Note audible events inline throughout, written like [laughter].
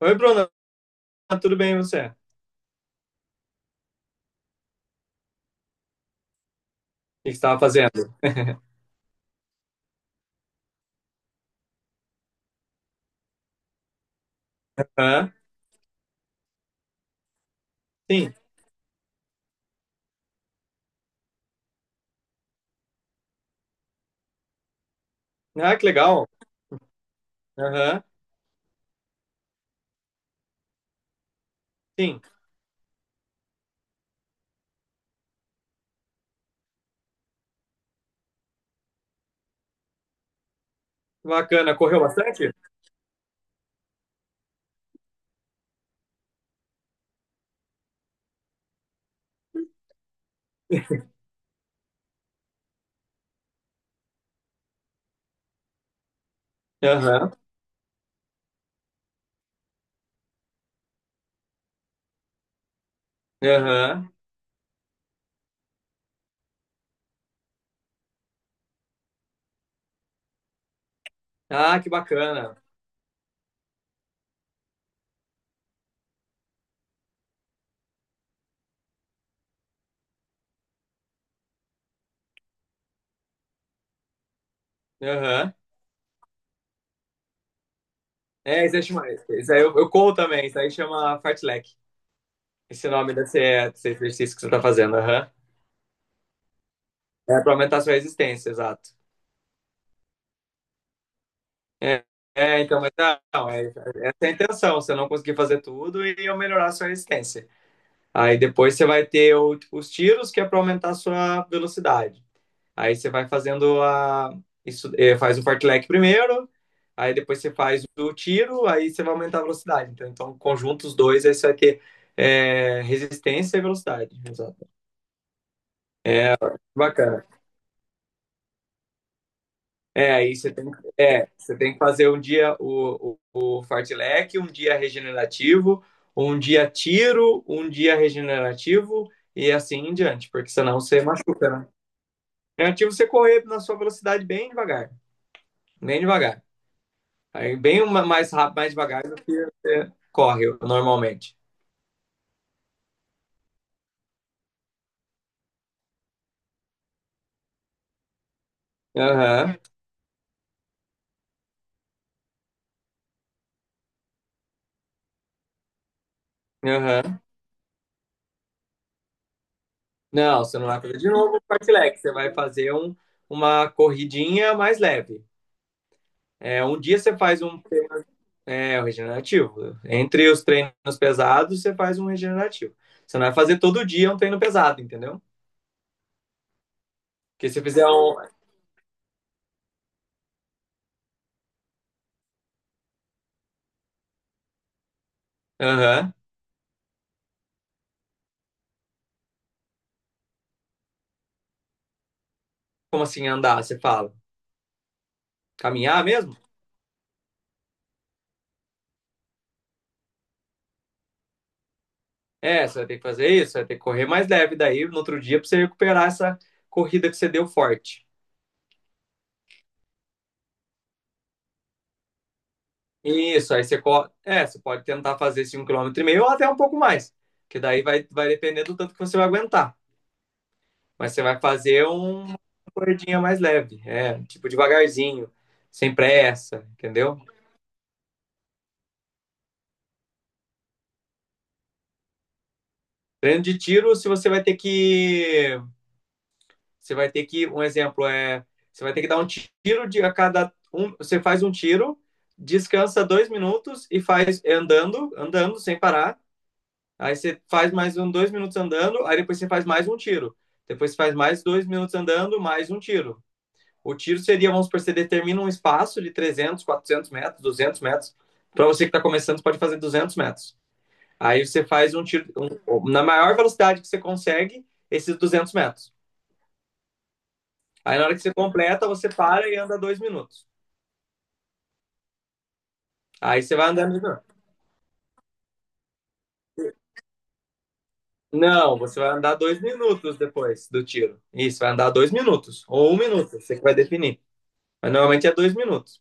Oi, Bruno, tudo bem e você? O que você estava fazendo? [laughs] Hã? Sim. Ah, que legal. Aham, sim. Bacana. Correu bastante? [laughs] Aham, aham. Ah, que bacana. Aham. É, isso aí chama. Isso aí eu corro também. Isso aí chama fartlek. Esse nome desse, desse exercício que você está fazendo. Aham. É para aumentar a sua resistência, exato. É, é, então, mas não, é, essa é a intenção. Você não conseguir fazer tudo e eu melhorar a sua resistência. Aí depois você vai ter o- os tiros, que é para aumentar a sua velocidade. Aí você vai fazendo a. Isso, eh, faz o fartlek primeiro, aí depois você faz o tiro, aí você vai aumentar a velocidade. Então conjunto os dois, aí você vai ter eh, resistência e velocidade. Exato. Bacana. É, aí você tem, é, você tem que fazer um dia o fartlek, um dia regenerativo, um dia tiro, um dia regenerativo, e assim em diante, porque senão você machuca, né? Negativo você correr na sua velocidade bem devagar, bem devagar. Aí bem uma- mais rápido, mais devagar do que você corre normalmente. Aham, aham. Não, você não vai fazer de novo um fartlek, você vai fazer um, uma corridinha mais leve. É, um dia você faz um, é, um regenerativo. Entre os treinos pesados, você faz um regenerativo. Você não vai fazer todo dia um treino pesado, entendeu? Porque se fizer um. Aham. Como assim andar? Você fala. Caminhar mesmo? É, você vai ter que fazer isso, você vai ter que correr mais leve daí no outro dia para você recuperar essa corrida que você deu forte. Isso, aí você, co- é, você pode tentar fazer 5,5 km ou até um pouco mais, que daí vai, vai depender do tanto que você vai aguentar. Mas você vai fazer um- uma corridinha mais leve, é, tipo devagarzinho, sem pressa, entendeu? Treino de tiro, se você vai ter que você vai ter que, um exemplo é, você vai ter que dar um tiro de a cada um, você faz um tiro, descansa 2 minutos e faz é, andando, andando sem parar. Aí você faz mais um 2 minutos andando, aí depois você faz mais um tiro. Depois você faz mais 2 minutos andando, mais um tiro. O tiro seria, vamos supor, você determina um espaço de 300, 400 metros, 200 metros. Para você que está começando, você pode fazer 200 metros. Aí você faz um tiro um, na maior velocidade que você consegue, esses 200 metros. Aí na hora que você completa, você para e anda 2 minutos. Aí você vai andar 2 minutos. Não, você vai andar dois minutos depois do tiro. Isso, vai andar 2 minutos. Ou 1 minuto, você que vai definir. Mas normalmente é 2 minutos.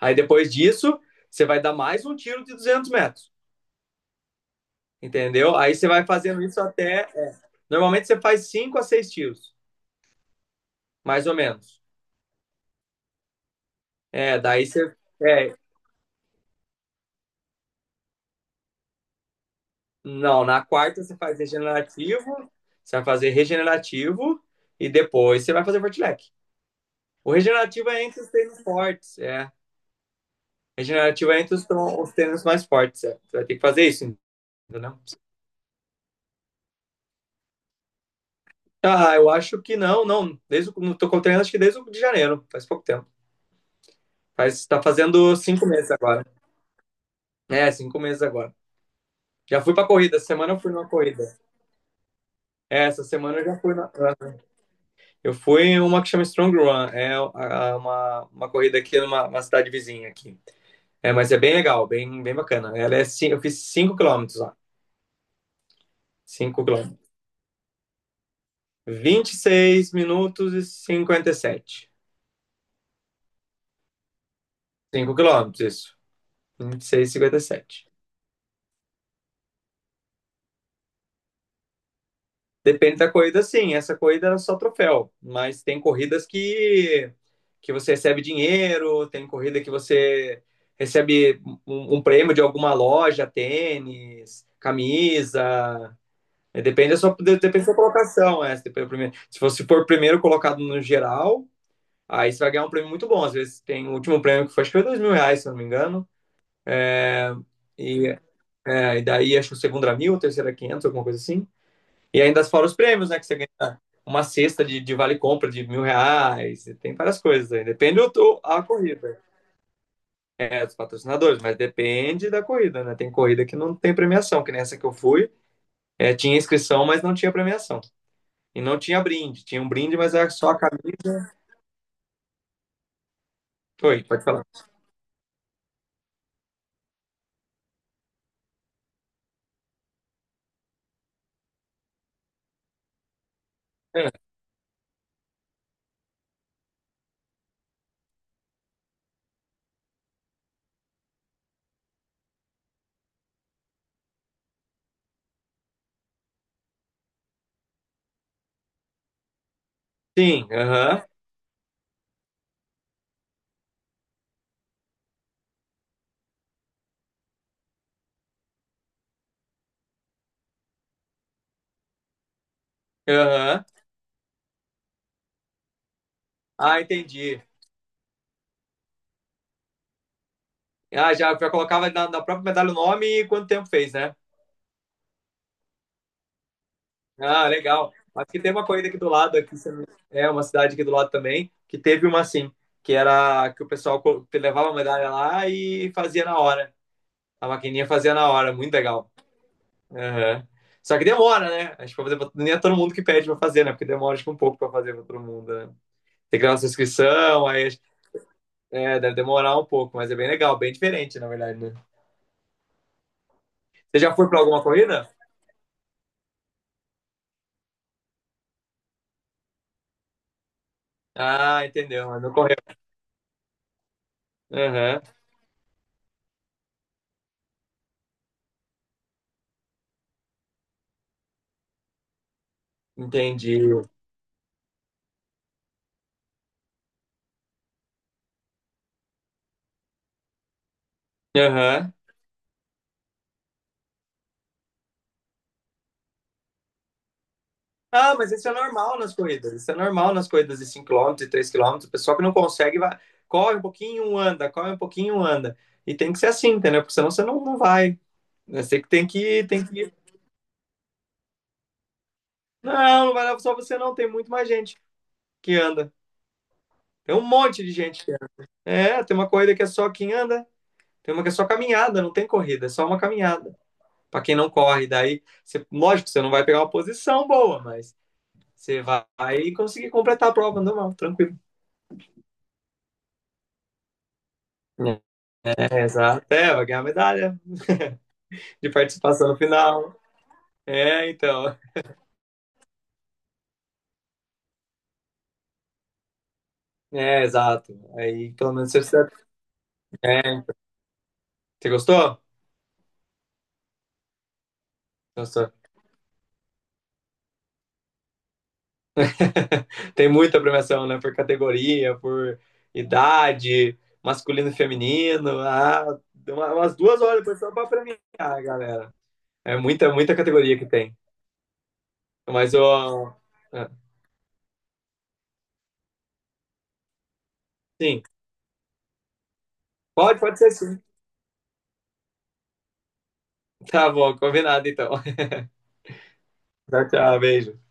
Aí depois disso, você vai dar mais um tiro de 200 metros. Entendeu? Aí você vai fazendo isso até. É, normalmente você faz 5 a 6 tiros, mais ou menos. É, daí você. É, não, na quarta você faz regenerativo, você vai fazer regenerativo e depois você vai fazer fortilec. O regenerativo é entre os tênis fortes, é. Regenerativo é entre os, tron- os tênis mais fortes, é. Você vai ter que fazer isso, entendeu? Ah, eu acho que não, não. Desde, o- não tô com treino, acho que desde o de janeiro, faz pouco tempo. Faz, tá fazendo 5 meses agora. É, 5 meses agora. Já fui pra corrida, essa semana eu fui numa corrida. É, essa semana eu já fui na. Na- Eu fui em uma que chama Strong Run, é uma corrida aqui numa uma cidade vizinha aqui. É, mas é bem legal, bem, bem bacana. Ela é, cin- eu fiz 5 km lá. 5 quilômetros. 26min57. 5 km, isso. 26:57. Depende da corrida, sim. Essa corrida é só troféu. Mas tem corridas que você recebe dinheiro, tem corrida que você recebe um, um prêmio de alguma loja, tênis, camisa. É, depende da sua, depende da sua colocação. É. Se você for primeiro colocado no geral, aí você vai ganhar um prêmio muito bom. Às vezes tem o último prêmio que foi, acho que foi 2 mil reais, se não me engano. É, e, é, e daí acho que o segundo era 1.000, o terceiro era 500, alguma coisa assim. E ainda fora os prêmios, né? Que você ganha uma cesta de vale-compra de R$ 1.000, e tem várias coisas aí. Depende do, do- a corrida. É, dos patrocinadores, mas depende da corrida, né? Tem corrida que não tem premiação, que nessa que eu fui, é, tinha inscrição, mas não tinha premiação. E não tinha brinde. Tinha um brinde, mas era só a camisa. Oi, pode falar. É, sim, aham, aham. Ah, entendi. Ah, já, já colocava na, na própria medalha o nome e quanto tempo fez, né? Ah, legal. Acho que teve uma corrida aqui do lado, aqui se- é uma cidade aqui do lado também, que teve uma assim, que era que o pessoal co- levava a medalha lá e fazia na hora. A maquininha fazia na hora, muito legal. Aham. Só que demora, né? Acho que pra fazer, pra- nem é todo mundo que pede pra fazer, né? Porque demora acho que um pouco pra fazer pra todo mundo, né? Tem que criar nossa inscrição, aí acho- é, deve demorar um pouco, mas é bem legal, bem diferente, na verdade, né? Você já foi pra alguma corrida? Ah, entendeu, mas não correu. Aham, entendi. Aham. Ah, mas isso é normal nas corridas. Isso é normal nas corridas de 5 km, e 3 km. O pessoal que não consegue vai, corre um pouquinho, anda, corre um pouquinho, anda. E tem que ser assim, entendeu? Porque senão você não, não vai. Né, você que tem que ir, tem que ir. Não, não vai lá só você não, tem muito mais gente que anda. Tem um monte de gente que anda. É, tem uma corrida que é só quem anda, tem uma que é só caminhada, não tem corrida, é só uma caminhada. Para quem não corre, daí, você, lógico, você não vai pegar uma posição boa, mas você vai conseguir completar a prova normal, tranquilo. É, exato. É, vai ganhar medalha de participação no final. É, então. É, exato. Aí, pelo menos, você, você gostou? Gostou. [laughs] Tem muita premiação, né? Por categoria, por idade, masculino e feminino. Ah, deu uma- umas 2 horas depois só pra premiar, galera. É muita, muita categoria que tem. Mas eu. Ah, sim, pode, pode ser sim. Tá bom, combinado então. [laughs] Tchau, tchau, beijo.